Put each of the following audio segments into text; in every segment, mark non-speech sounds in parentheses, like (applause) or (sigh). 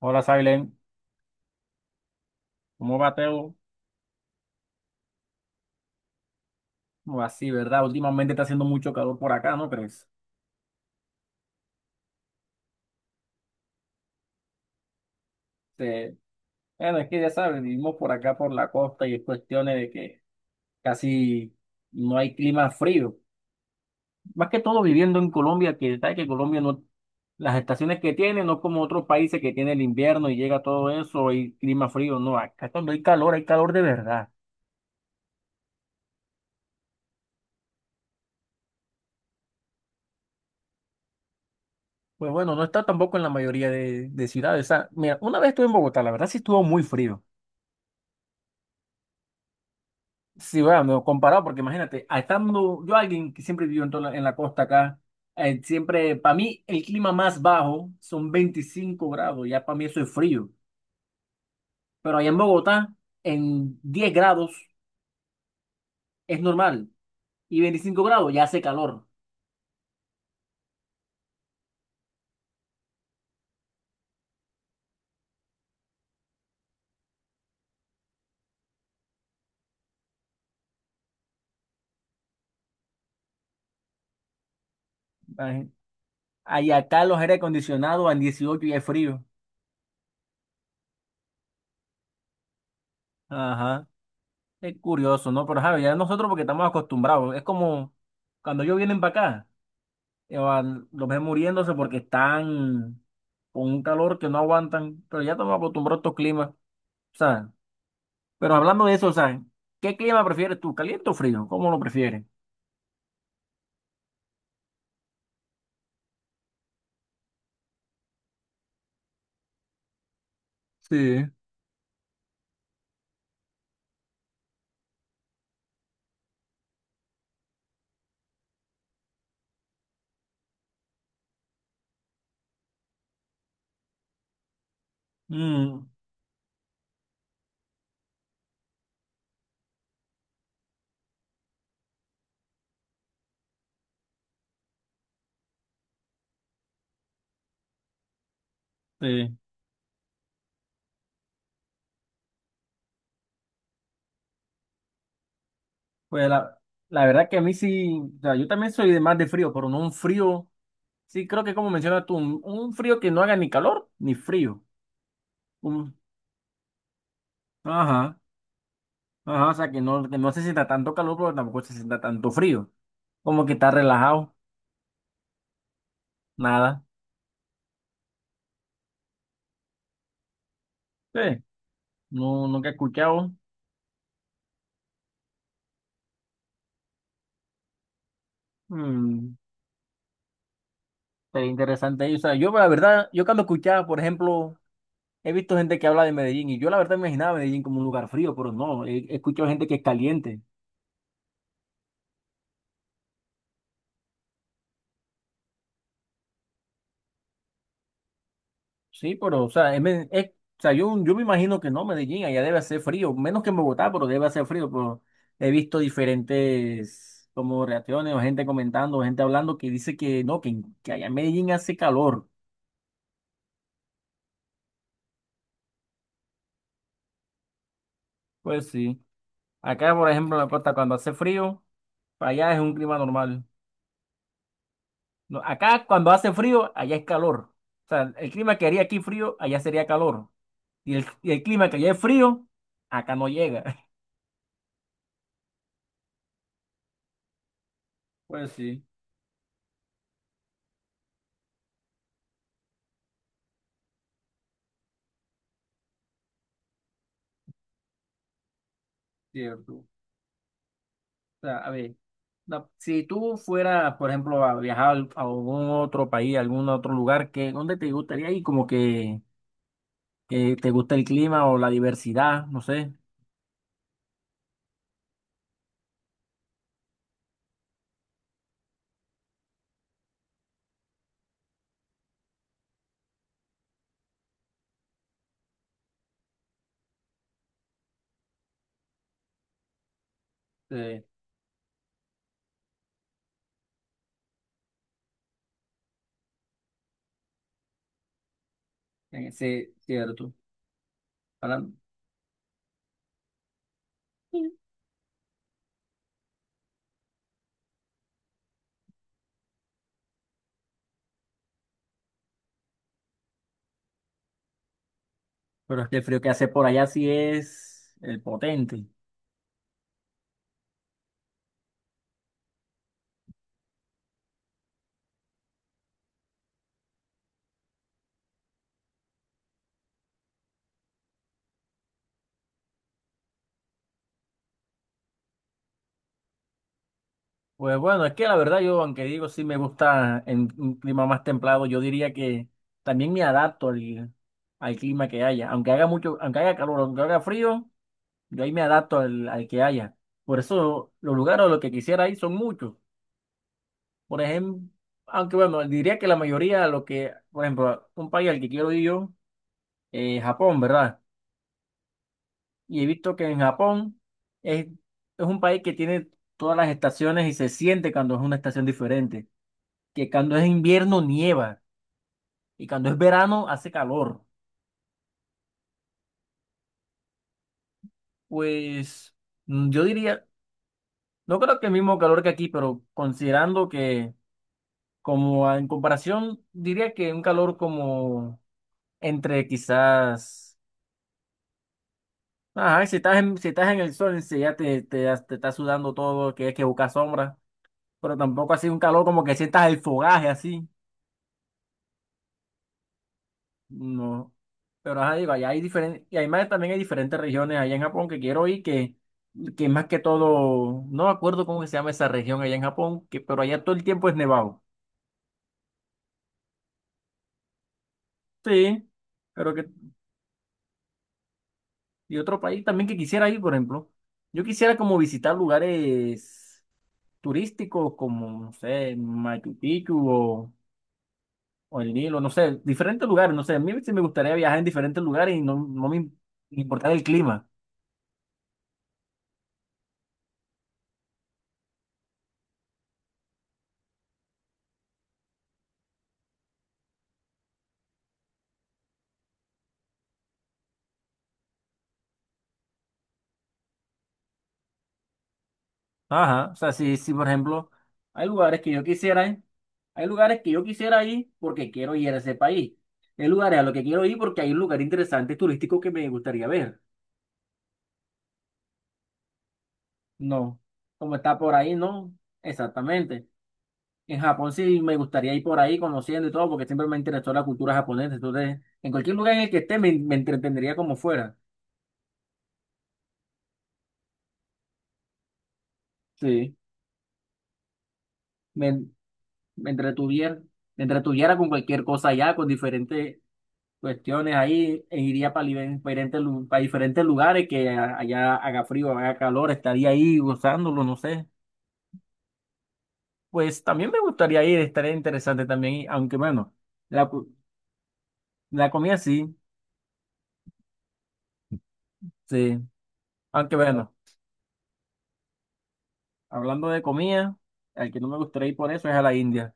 Hola, Silent. ¿Cómo va, Teo? ¿Cómo va? Sí, ¿verdad? Últimamente está haciendo mucho calor por acá, ¿no crees? Este, bueno, es que ya sabes, vivimos por acá por la costa y es cuestiones de que casi no hay clima frío. Más que todo viviendo en Colombia, que sabes que Colombia no, las estaciones que tiene, no como otros países que tiene el invierno y llega todo eso y clima frío. No, acá cuando hay calor de verdad. Pues bueno, no está tampoco en la mayoría de ciudades. O sea, mira, una vez estuve en Bogotá, la verdad sí estuvo muy frío. Sí, bueno, comparado, porque imagínate, a estando yo alguien que siempre vivió en, toda la, en la costa acá, siempre, para mí el clima más bajo son 25 grados, ya para mí eso es frío, pero allá en Bogotá, en 10 grados es normal, y 25 grados ya hace calor. Ay, ahí acá los aire acondicionados en 18 ya es frío. Ajá, es curioso, ¿no? Pero Javi, ya nosotros porque estamos acostumbrados, es como cuando ellos vienen para acá, los ven muriéndose porque están con un calor que no aguantan, pero ya estamos acostumbrados a estos climas, o sea, pero hablando de eso, o sea, ¿qué clima prefieres tú, caliente o frío? ¿Cómo lo prefieres? Sí. Mm, sí. Pues la verdad que a mí sí, o sea, yo también soy de más de frío, pero no un frío, sí, creo que como mencionas tú, un frío que no haga ni calor ni frío. Un- ajá, ajá, o sea, que no se sienta tanto calor, pero tampoco se sienta tanto frío. Como que está relajado, nada. Sí, no, nunca he escuchado. Mm, sería interesante. Y, o sea, yo la verdad, yo cuando escuchaba, por ejemplo, he visto gente que habla de Medellín y yo la verdad imaginaba Medellín como un lugar frío, pero no, he, he escuchado gente que es caliente. Sí, pero, o sea, o sea, yo me imagino que no, Medellín, allá debe hacer frío, menos que en Bogotá, pero debe hacer frío, pero he visto diferentes como reacciones o gente comentando, gente hablando que dice que no, que allá en Medellín hace calor. Pues sí, acá, por ejemplo, en la costa, cuando hace frío, allá es un clima normal. No, acá cuando hace frío, allá es calor. O sea, el clima que haría aquí frío, allá sería calor. Y y el clima que allá es frío, acá no llega. (laughs) Pues sí, cierto. O sea, a ver, si tú fueras, por ejemplo, a viajar a algún otro país, a algún otro lugar, ¿qué, dónde te gustaría ir? Como que te gusta el clima o la diversidad, no sé. Sí, sí, cierto. Ahora, pero es que el frío que hace por allá sí es el potente. Pues bueno, es que la verdad yo, aunque digo sí me gusta en un clima más templado, yo diría que también me adapto al, al clima que haya. Aunque haga mucho, aunque haga calor, aunque haga frío, yo ahí me adapto al que haya. Por eso los lugares a los que quisiera ir son muchos. Por ejemplo, aunque bueno, diría que la mayoría, lo que, por ejemplo, un país al que quiero ir yo, es Japón, ¿verdad? Y he visto que en Japón es un país que tiene todas las estaciones y se siente cuando es una estación diferente, que cuando es invierno nieva y cuando es verano hace calor. Pues yo diría, no creo que el mismo calor que aquí, pero considerando que como en comparación, diría que un calor como entre quizás, ajá, si estás en, si estás en el sol, si ya te está sudando todo, que es que busca sombra, pero tampoco así un calor como que sientas el fogaje así. No, pero ajá, digo, allá hay diferentes, y además también hay diferentes regiones allá en Japón que quiero ir, que más que todo, no me acuerdo cómo que se llama esa región allá en Japón, que, pero allá todo el tiempo es nevado. Sí, pero que, y otro país también que quisiera ir, por ejemplo, yo quisiera como visitar lugares turísticos como, no sé, Machu Picchu o el Nilo, no sé, diferentes lugares, no sé, a mí sí me gustaría viajar en diferentes lugares y no, no me importaría el clima. Ajá, o sea, sí, sí, por ejemplo, hay lugares que yo quisiera ir, hay lugares que yo quisiera ir porque quiero ir a ese país. Hay lugares a los que quiero ir porque hay un lugar interesante turístico que me gustaría ver. No, como está por ahí, no, exactamente. En Japón sí me gustaría ir por ahí conociendo y todo porque siempre me interesó la cultura japonesa. Entonces, en cualquier lugar en el que esté me entretendría como fuera. Sí, me, me entretuviera, me entretuviera con cualquier cosa allá, con diferentes cuestiones ahí, e iría para diferentes, para diferentes lugares que allá haga frío, haga calor, estaría ahí gozándolo, no sé. Pues también me gustaría ir, estaría interesante también, ir, aunque bueno, la, cu- la comida sí, sí, aunque bueno, hablando de comida, al que no me gustaría ir por eso es a la India.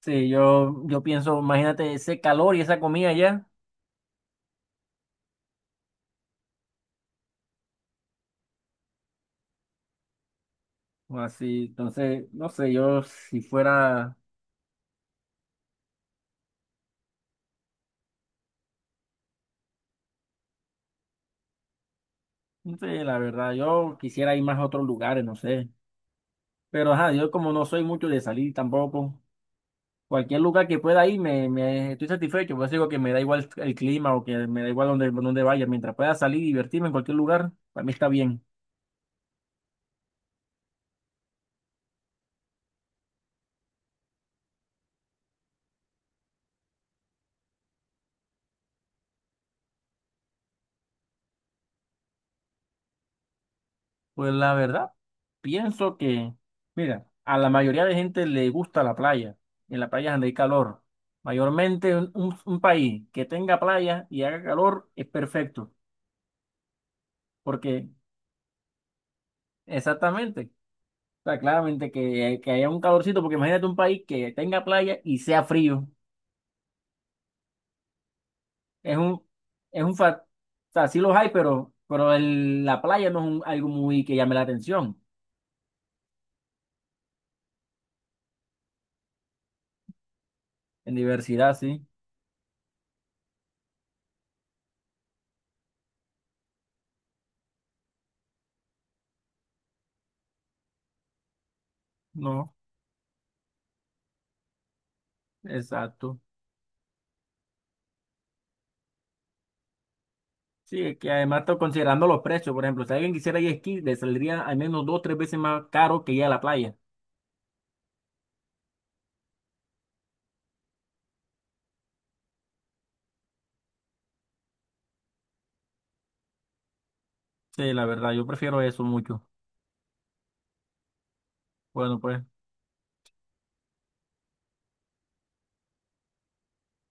Sí, yo pienso, imagínate ese calor y esa comida allá, así, entonces, no sé, yo si fuera, no sé, la verdad, yo quisiera ir más a otros lugares, no sé. Pero ajá, yo como no soy mucho de salir tampoco, cualquier lugar que pueda ir me estoy satisfecho, pues digo que me da igual el clima o que me da igual donde, donde vaya, mientras pueda salir y divertirme en cualquier lugar, para mí está bien. Pues la verdad, pienso que, mira, a la mayoría de gente le gusta la playa, en la playa donde hay calor. Mayormente un, un país que tenga playa y haga calor es perfecto, porque exactamente, o sea, claramente que haya un calorcito, porque imagínate un país que tenga playa y sea frío. Es un, es un, fa- o sea, sí los hay, pero la playa no es algo muy que llame la atención. En diversidad, sí. No, exacto. Sí, es que además estoy considerando los precios, por ejemplo, si alguien quisiera ir a esquí, le saldría al menos dos o tres veces más caro que ir a la playa. Sí, la verdad, yo prefiero eso mucho. Bueno, pues.